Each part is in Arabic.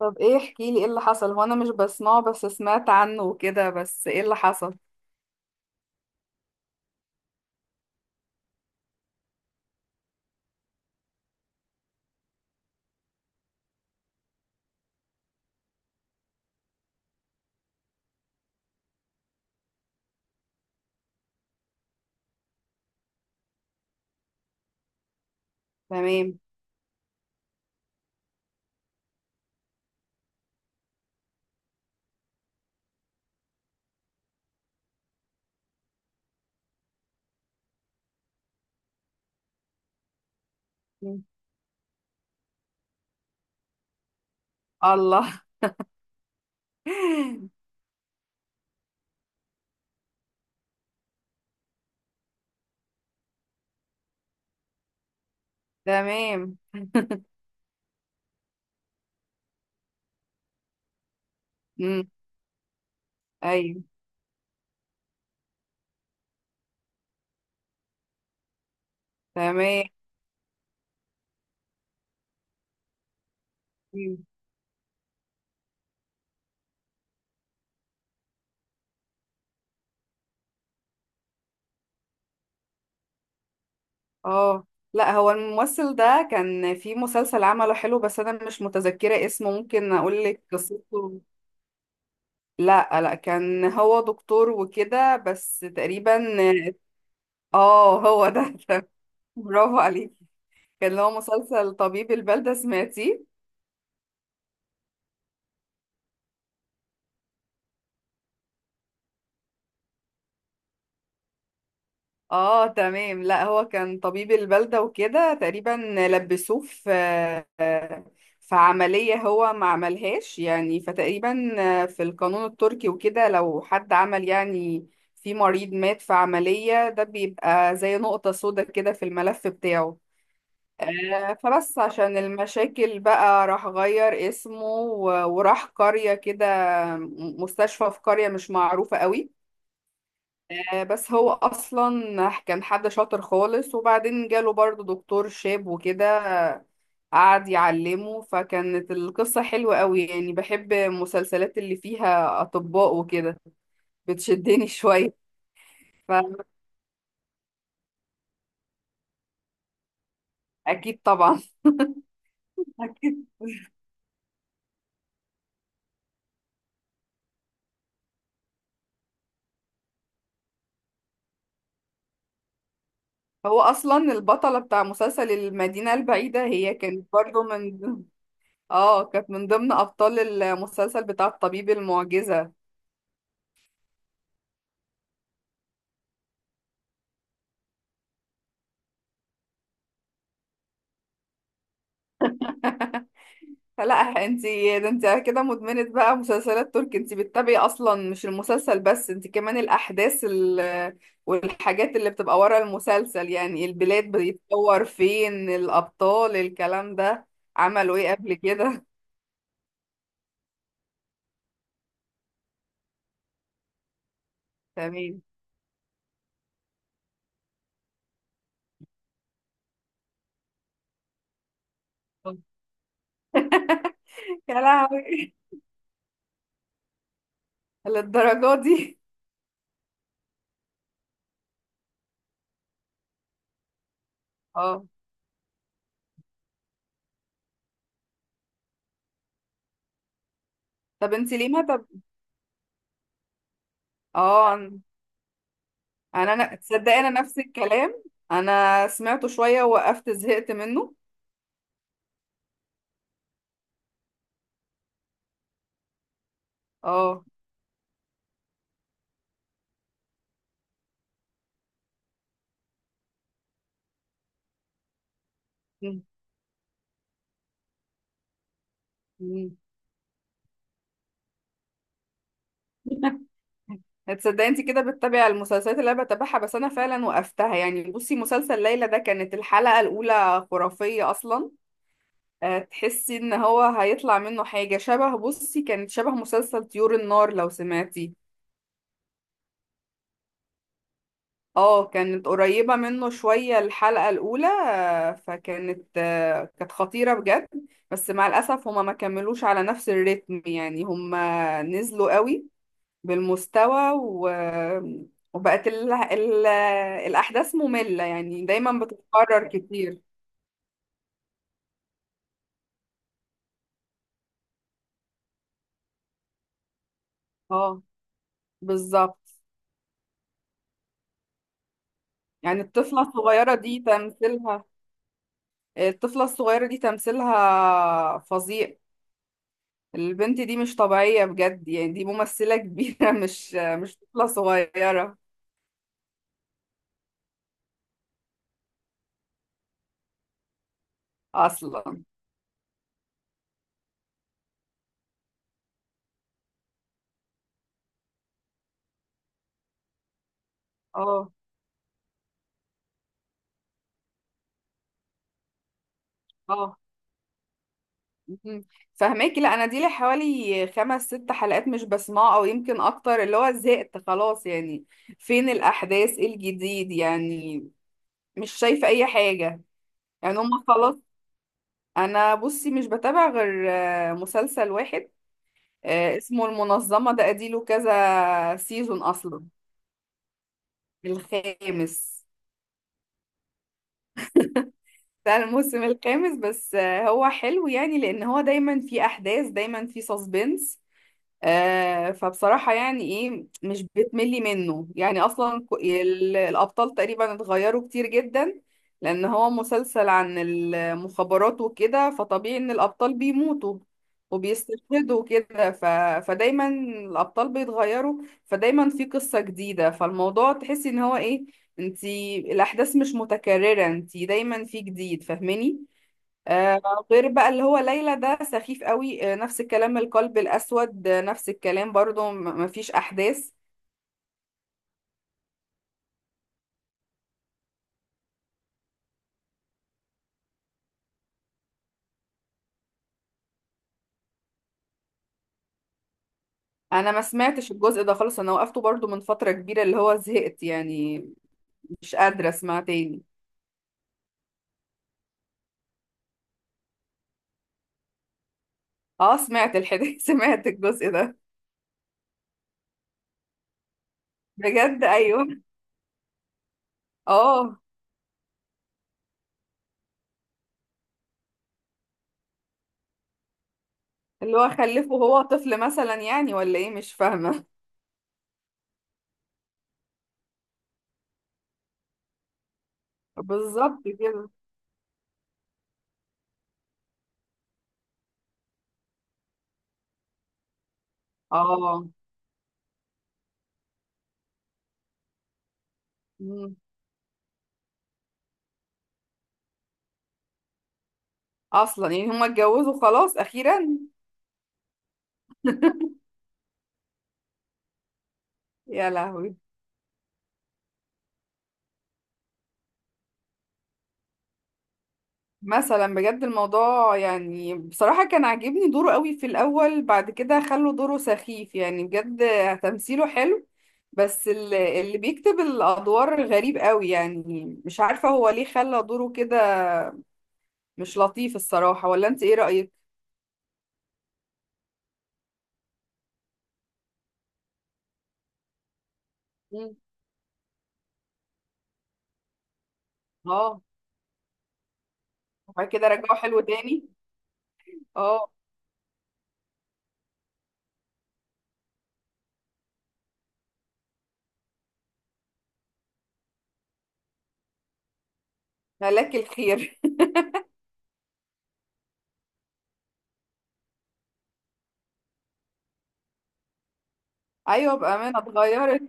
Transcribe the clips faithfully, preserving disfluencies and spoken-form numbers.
طب ايه احكي لي ايه اللي حصل؟ هو انا مش بسمعه، بس سمعت عنه وكده. بس ايه اللي حصل؟ تمام. مم. الله. تمام. امم ايوه. تمام. مم. اه، لا هو الممثل ده كان في مسلسل عمله حلو بس انا مش متذكرة اسمه. ممكن اقول لك قصته. لا لا، كان هو دكتور وكده بس تقريبا. اه هو ده. برافو عليك. كان هو مسلسل طبيب البلدة، سمعتيه؟ اه تمام. لا هو كان طبيب البلدة وكده تقريبا. لبسوه في في عملية هو ما عملهاش، يعني فتقريبا في القانون التركي وكده لو حد عمل يعني في مريض مات في عملية، ده بيبقى زي نقطة سودا كده في الملف بتاعه. آه، فبس عشان المشاكل بقى راح غير اسمه و- وراح قرية كده، مستشفى في قرية مش معروفة قوي. آه، بس هو اصلا كان حد شاطر خالص، وبعدين جاله برضه دكتور شاب وكده، قعد يعلمه. فكانت القصة حلوة قوي. يعني بحب المسلسلات اللي فيها اطباء وكده، بتشدني شوية. فاكيد طبعا. اكيد. هو اصلا البطلة بتاع مسلسل المدينة البعيدة هي كانت برضه من ضمن- اه، كانت من ضمن ابطال المسلسل بتاع الطبيب المعجزة. لا، انتي ده انتي كده مدمنة بقى مسلسلات تركي. انتي بتتابعي اصلا مش المسلسل بس، انتي كمان الاحداث ال... والحاجات اللي بتبقى ورا المسلسل، يعني البلاد بيتصور فين، الابطال، الكلام ده، عملوا ايه قبل كده. تمام. يا لهوي، للدرجة دي. اه. طب انتي ليه ما طب. اه، انا انا تصدقي انا نفس الكلام. انا سمعته شوية ووقفت، زهقت منه. اه. مم. مم. هتصدقي؟ انت كده بتتابعي المسلسلات اللي انا بتابعها. بس انا فعلا وقفتها يعني. بصي مسلسل ليلى ده كانت الحلقة الاولى خرافية اصلا. أه تحسي ان هو هيطلع منه حاجة شبه، بصي كانت شبه مسلسل طيور النار، لو سمعتي. اه كانت قريبة منه شوية الحلقة الاولى. أه فكانت أه كانت خطيرة بجد. بس مع الاسف هما ما كملوش على نفس الريتم، يعني هما نزلوا قوي بالمستوى و... وبقت ال... ال... الأحداث مملة، يعني دايما بتتكرر كتير. اه بالظبط. يعني الطفلة الصغيرة دي تمثيلها الطفلة الصغيرة دي تمثيلها فظيع. البنت دي مش طبيعية بجد. يعني دي ممثلة كبيرة، مش مش طفلة صغيرة. أصلا. اه اه. مهم. فهماكي، لا انا دي لي حوالي خمس ست حلقات مش بسمعه، او يمكن اكتر، اللي هو زهقت خلاص يعني. فين الاحداث، ايه الجديد؟ يعني مش شايفه اي حاجه، يعني هم خلاص. انا بصي مش بتابع غير آه، مسلسل واحد. آه، اسمه المنظمه. ده اديله كذا سيزون اصلا. الخامس. ده الموسم الخامس. بس آه، هو حلو يعني، لان هو دايما في احداث، دايما في سسبنس. آه فبصراحة يعني ايه، مش بتملي منه. يعني اصلا ك- ال- الابطال تقريبا اتغيروا كتير جدا، لان هو مسلسل عن المخابرات وكده. فطبيعي ان الابطال بيموتوا وبيستشهدوا كده. ف... فدايما الابطال بيتغيروا، فدايما في قصة جديدة، فالموضوع تحسي ان هو ايه، انتي الاحداث مش متكررة، انتي دايما في جديد، فاهماني. آه، غير بقى اللي هو ليلى ده سخيف قوي. آه، نفس الكلام القلب الأسود. آه، نفس الكلام برضو، م- مفيش أحداث. أنا ما سمعتش الجزء ده خالص. أنا وقفته برضو من فترة كبيرة، اللي هو زهقت يعني، مش قادرة أسمع تاني. اه سمعت الحديث. سمعت الجزء ده. بجد أيوه. اه. اللي هو خلفه وهو طفل مثلا يعني، ولا ايه؟ مش فاهمة. بالظبط كده. اه. مم. أصلا يعني هما اتجوزوا خلاص أخيرا. يا لهوي. مثلا بجد الموضوع، يعني بصراحة كان عاجبني دوره قوي في الأول. بعد كده خلوا دوره سخيف يعني بجد. تمثيله حلو، بس ال- اللي بيكتب الأدوار غريب قوي. يعني مش عارفة هو ليه خلى دوره كده. مش لطيف الصراحة، ولا أنت إيه رأيك؟ مم. اه، وبعد كده رجعه حلو تاني. اه. هلاك الخير. أيوة بأمانة اتغيرت.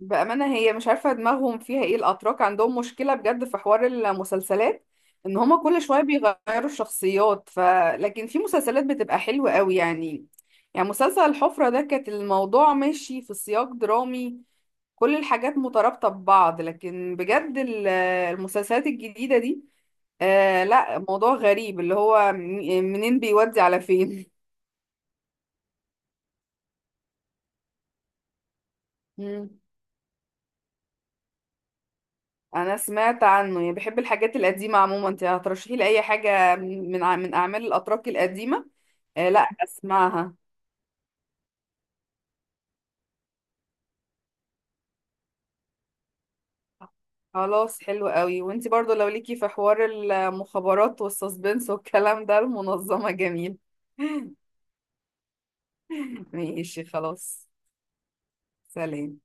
بأمانة هي مش عارفة دماغهم فيها ايه. الأتراك عندهم مشكلة بجد في حوار المسلسلات، ان هما كل شوية بيغيروا الشخصيات. ف لكن في مسلسلات بتبقى حلوة قوي يعني. يعني مسلسل الحفرة ده كانت الموضوع ماشي في سياق درامي، كل الحاجات مترابطة ببعض. لكن بجد ال- المسلسلات الجديدة دي، آه لا، موضوع غريب، اللي هو م- منين بيودي على فين. مم. انا سمعت عنه. يعني بحب الحاجات القديمه عموما، انت هترشحي لي اي حاجه من ع- من اعمال الاتراك القديمه. آه لا، اسمعها. خلاص حلو قوي. وانت برضو لو ليكي في حوار المخابرات والسسبنس والكلام ده، المنظمه جميل. ماشي خلاص. سلام.